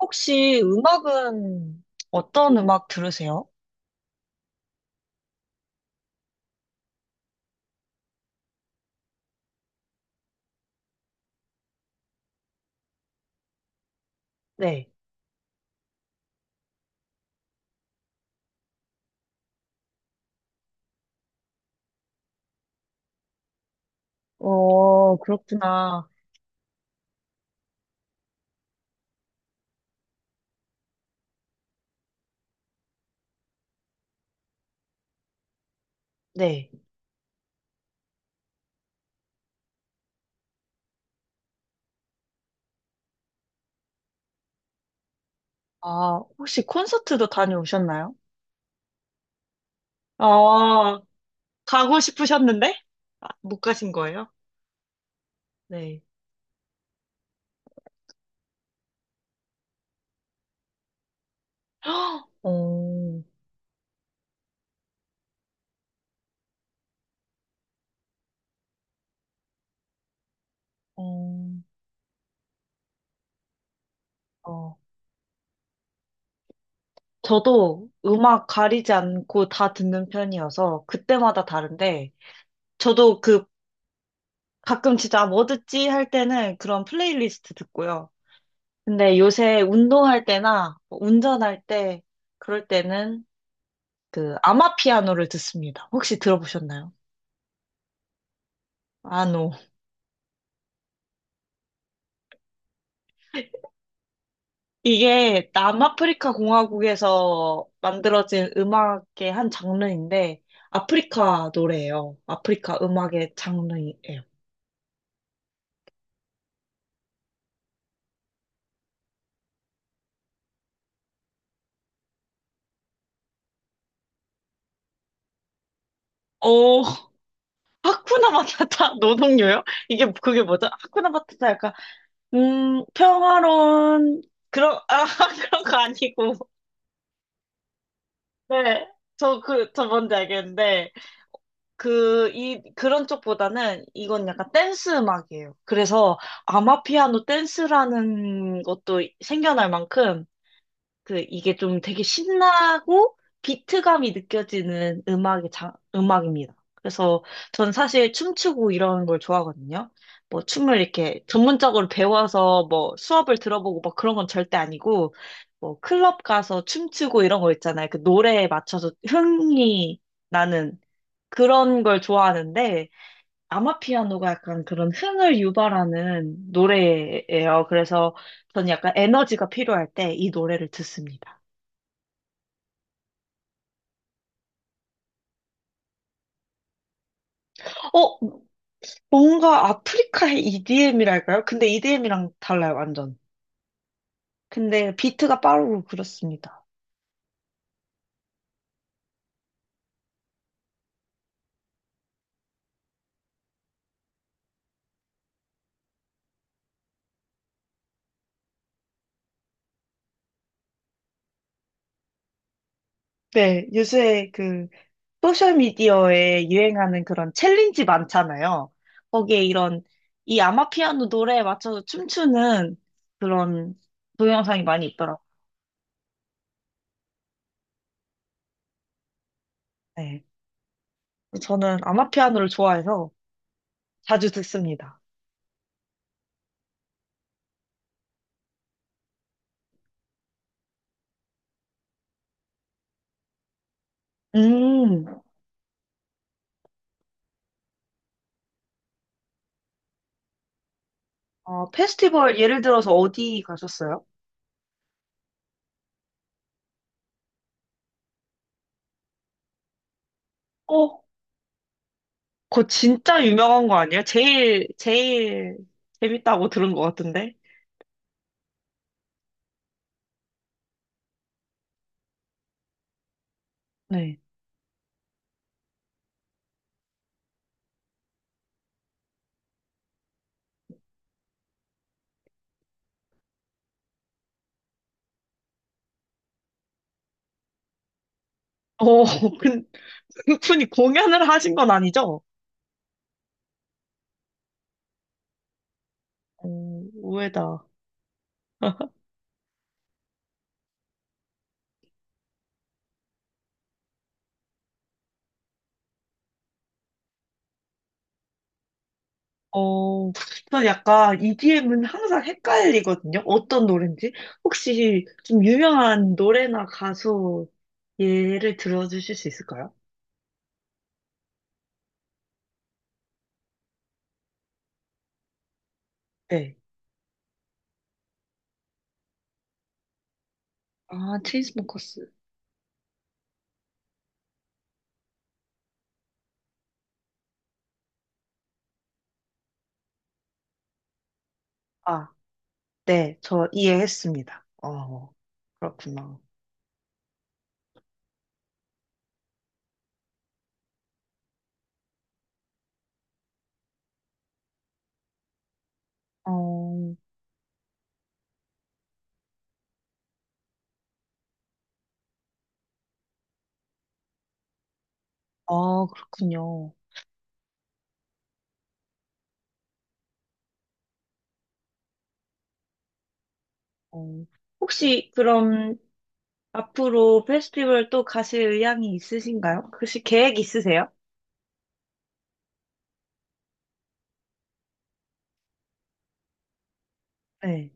혹시 음악은 어떤 음악 들으세요? 네. 어, 그렇구나. 네. 아, 혹시 콘서트도 다녀오셨나요? 아, 가고 싶으셨는데? 아, 못 가신 거예요? 네. 헉, 어, 어, 어. 저도 음악 가리지 않고 다 듣는 편이어서 그때마다 다른데, 저도 그 가끔 진짜 뭐 듣지 할 때는 그런 플레이리스트 듣고요. 근데 요새 운동할 때나 뭐 운전할 때 그럴 때는 그 아마피아노를 듣습니다. 혹시 들어보셨나요? 아노. 이게 남아프리카 공화국에서 만들어진 음악의 한 장르인데 아프리카 노래예요. 아프리카 음악의 장르예요. 어, 하쿠나 마타타 노동요요? 이게 그게 뭐죠? 하쿠나 마타타 약간 평화로운 그런 아 그런 거 아니고. 네. 저 뭔지 알겠는데 그런 쪽보다는 이건 약간 댄스 음악이에요. 그래서 아마피아노 댄스라는 것도 생겨날 만큼 이게 좀 되게 신나고 비트감이 느껴지는 음악의 음악입니다. 그래서 전 사실 춤추고 이런 걸 좋아하거든요. 뭐 춤을 이렇게 전문적으로 배워서 뭐 수업을 들어보고 막 그런 건 절대 아니고 뭐 클럽 가서 춤추고 이런 거 있잖아요. 그 노래에 맞춰서 흥이 나는 그런 걸 좋아하는데 아마피아노가 약간 그런 흥을 유발하는 노래예요. 그래서 저는 약간 에너지가 필요할 때 이 노래를 듣습니다. 어, 뭔가 아프리카의 EDM이랄까요? 근데 EDM이랑 달라요, 완전. 근데 비트가 빠르고 그렇습니다. 네, 요새 그 소셜미디어에 유행하는 그런 챌린지 많잖아요. 거기에 이런 이 아마피아노 노래에 맞춰서 춤추는 그런 동영상이 많이 있더라고요. 네. 저는 아마피아노를 좋아해서 자주 듣습니다. 음, 페스티벌 예를 들어서 어디 가셨어요? 어, 그거 진짜 유명한 거 아니에요? 제일, 제일 재밌다고 들은 것 같은데? 네. 어, 근, 그분이 공연을 하신 건 아니죠? 어, 의외다. 어, 전 약간 EDM은 항상 헷갈리거든요. 어떤 노래인지. 혹시 좀 유명한 노래나 가수 예를 들어주실 수 있을까요? 아, 체인스모커스. 아, 네, 저 이해했습니다. 어, 그렇구나. 어, 아, 그렇군요. 어, 혹시 그럼 앞으로 페스티벌 또 가실 의향이 있으신가요? 혹시 계획 있으세요? 네,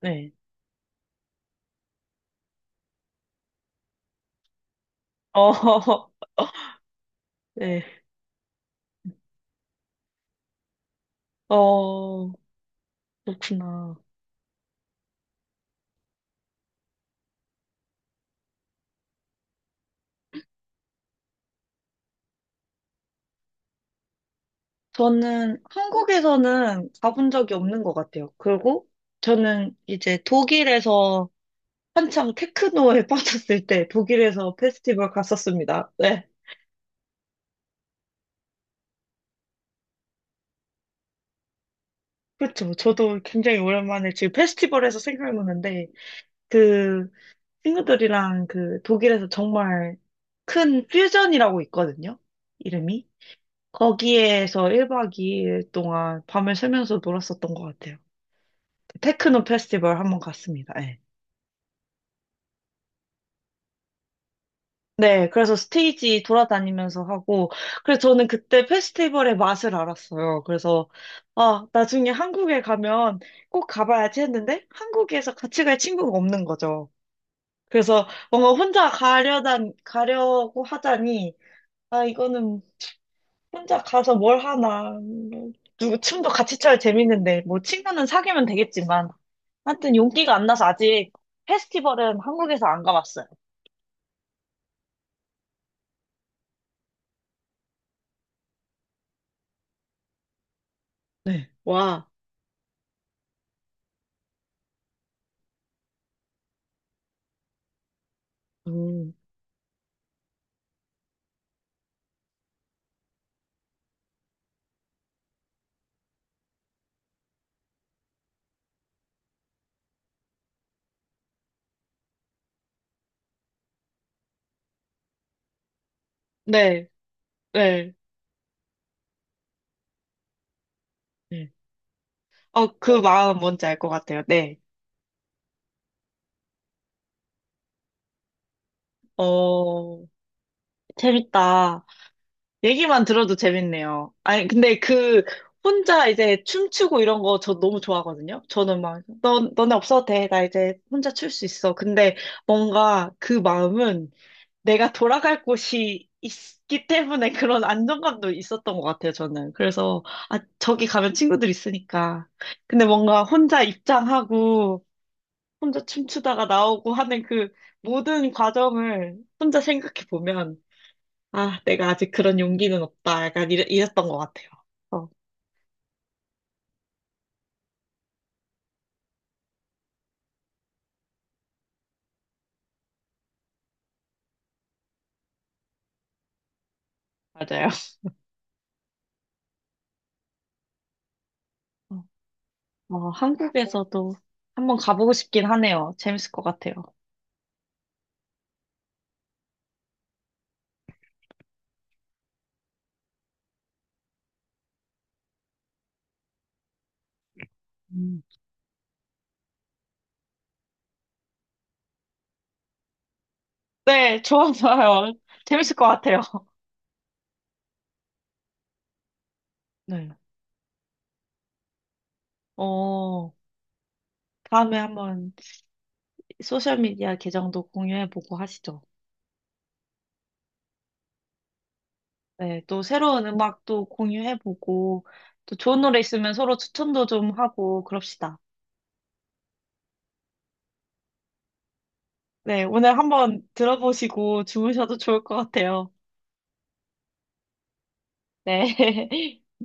네. 어, 네. 어, 그렇구나. 저는 한국에서는 가본 적이 없는 것 같아요. 그리고 저는 이제 독일에서 한창 테크노에 빠졌을 때 독일에서 페스티벌 갔었습니다. 네. 그렇죠. 저도 굉장히 오랜만에 지금 페스티벌에서 생각나는데 그 친구들이랑 그 독일에서 정말 큰 퓨전이라고 있거든요. 이름이. 거기에서 1박 2일 동안 밤을 새면서 놀았었던 것 같아요. 테크노 페스티벌 한번 갔습니다. 네. 네, 그래서 스테이지 돌아다니면서 하고, 그래서 저는 그때 페스티벌의 맛을 알았어요. 그래서, 아, 나중에 한국에 가면 꼭 가봐야지 했는데, 한국에서 같이 갈 친구가 없는 거죠. 그래서 뭔가 혼자 가려고 하자니, 아, 이거는 혼자 가서 뭘 하나. 누구, 춤도 같이 춰야 재밌는데, 뭐 친구는 사귀면 되겠지만, 하여튼 용기가 안 나서 아직 페스티벌은 한국에서 안 가봤어요. 네. 와, 음, 네. 네. 네. 어, 그 마음 뭔지 알 것 같아요. 네. 어, 재밌다. 얘기만 들어도 재밌네요. 아니, 근데 혼자 이제 춤추고 이런 거 저 너무 좋아하거든요. 저는 막, 너네 없어도 돼. 나 이제 혼자 출 수 있어. 근데 뭔가 그 마음은 내가 돌아갈 곳이 있기 때문에 그런 안정감도 있었던 것 같아요, 저는. 그래서, 아, 저기 가면 친구들 있으니까. 근데 뭔가 혼자 입장하고, 혼자 춤추다가 나오고 하는 그 모든 과정을 혼자 생각해 보면, 아, 내가 아직 그런 용기는 없다. 약간 이랬던 것 같아요. 어, 맞아요. 어, 한국에서도 한번 가보고 싶긴 하네요. 재밌을 것 같아요. 음. 네, 좋아요. 재밌을 것 같아요. 네. 어, 다음에 한번 소셜미디어 계정도 공유해보고 하시죠. 네, 또 새로운 음악도 공유해보고, 또 좋은 노래 있으면 서로 추천도 좀 하고, 그럽시다. 네, 오늘 한번 들어보시고 주무셔도 좋을 것 같아요. 네.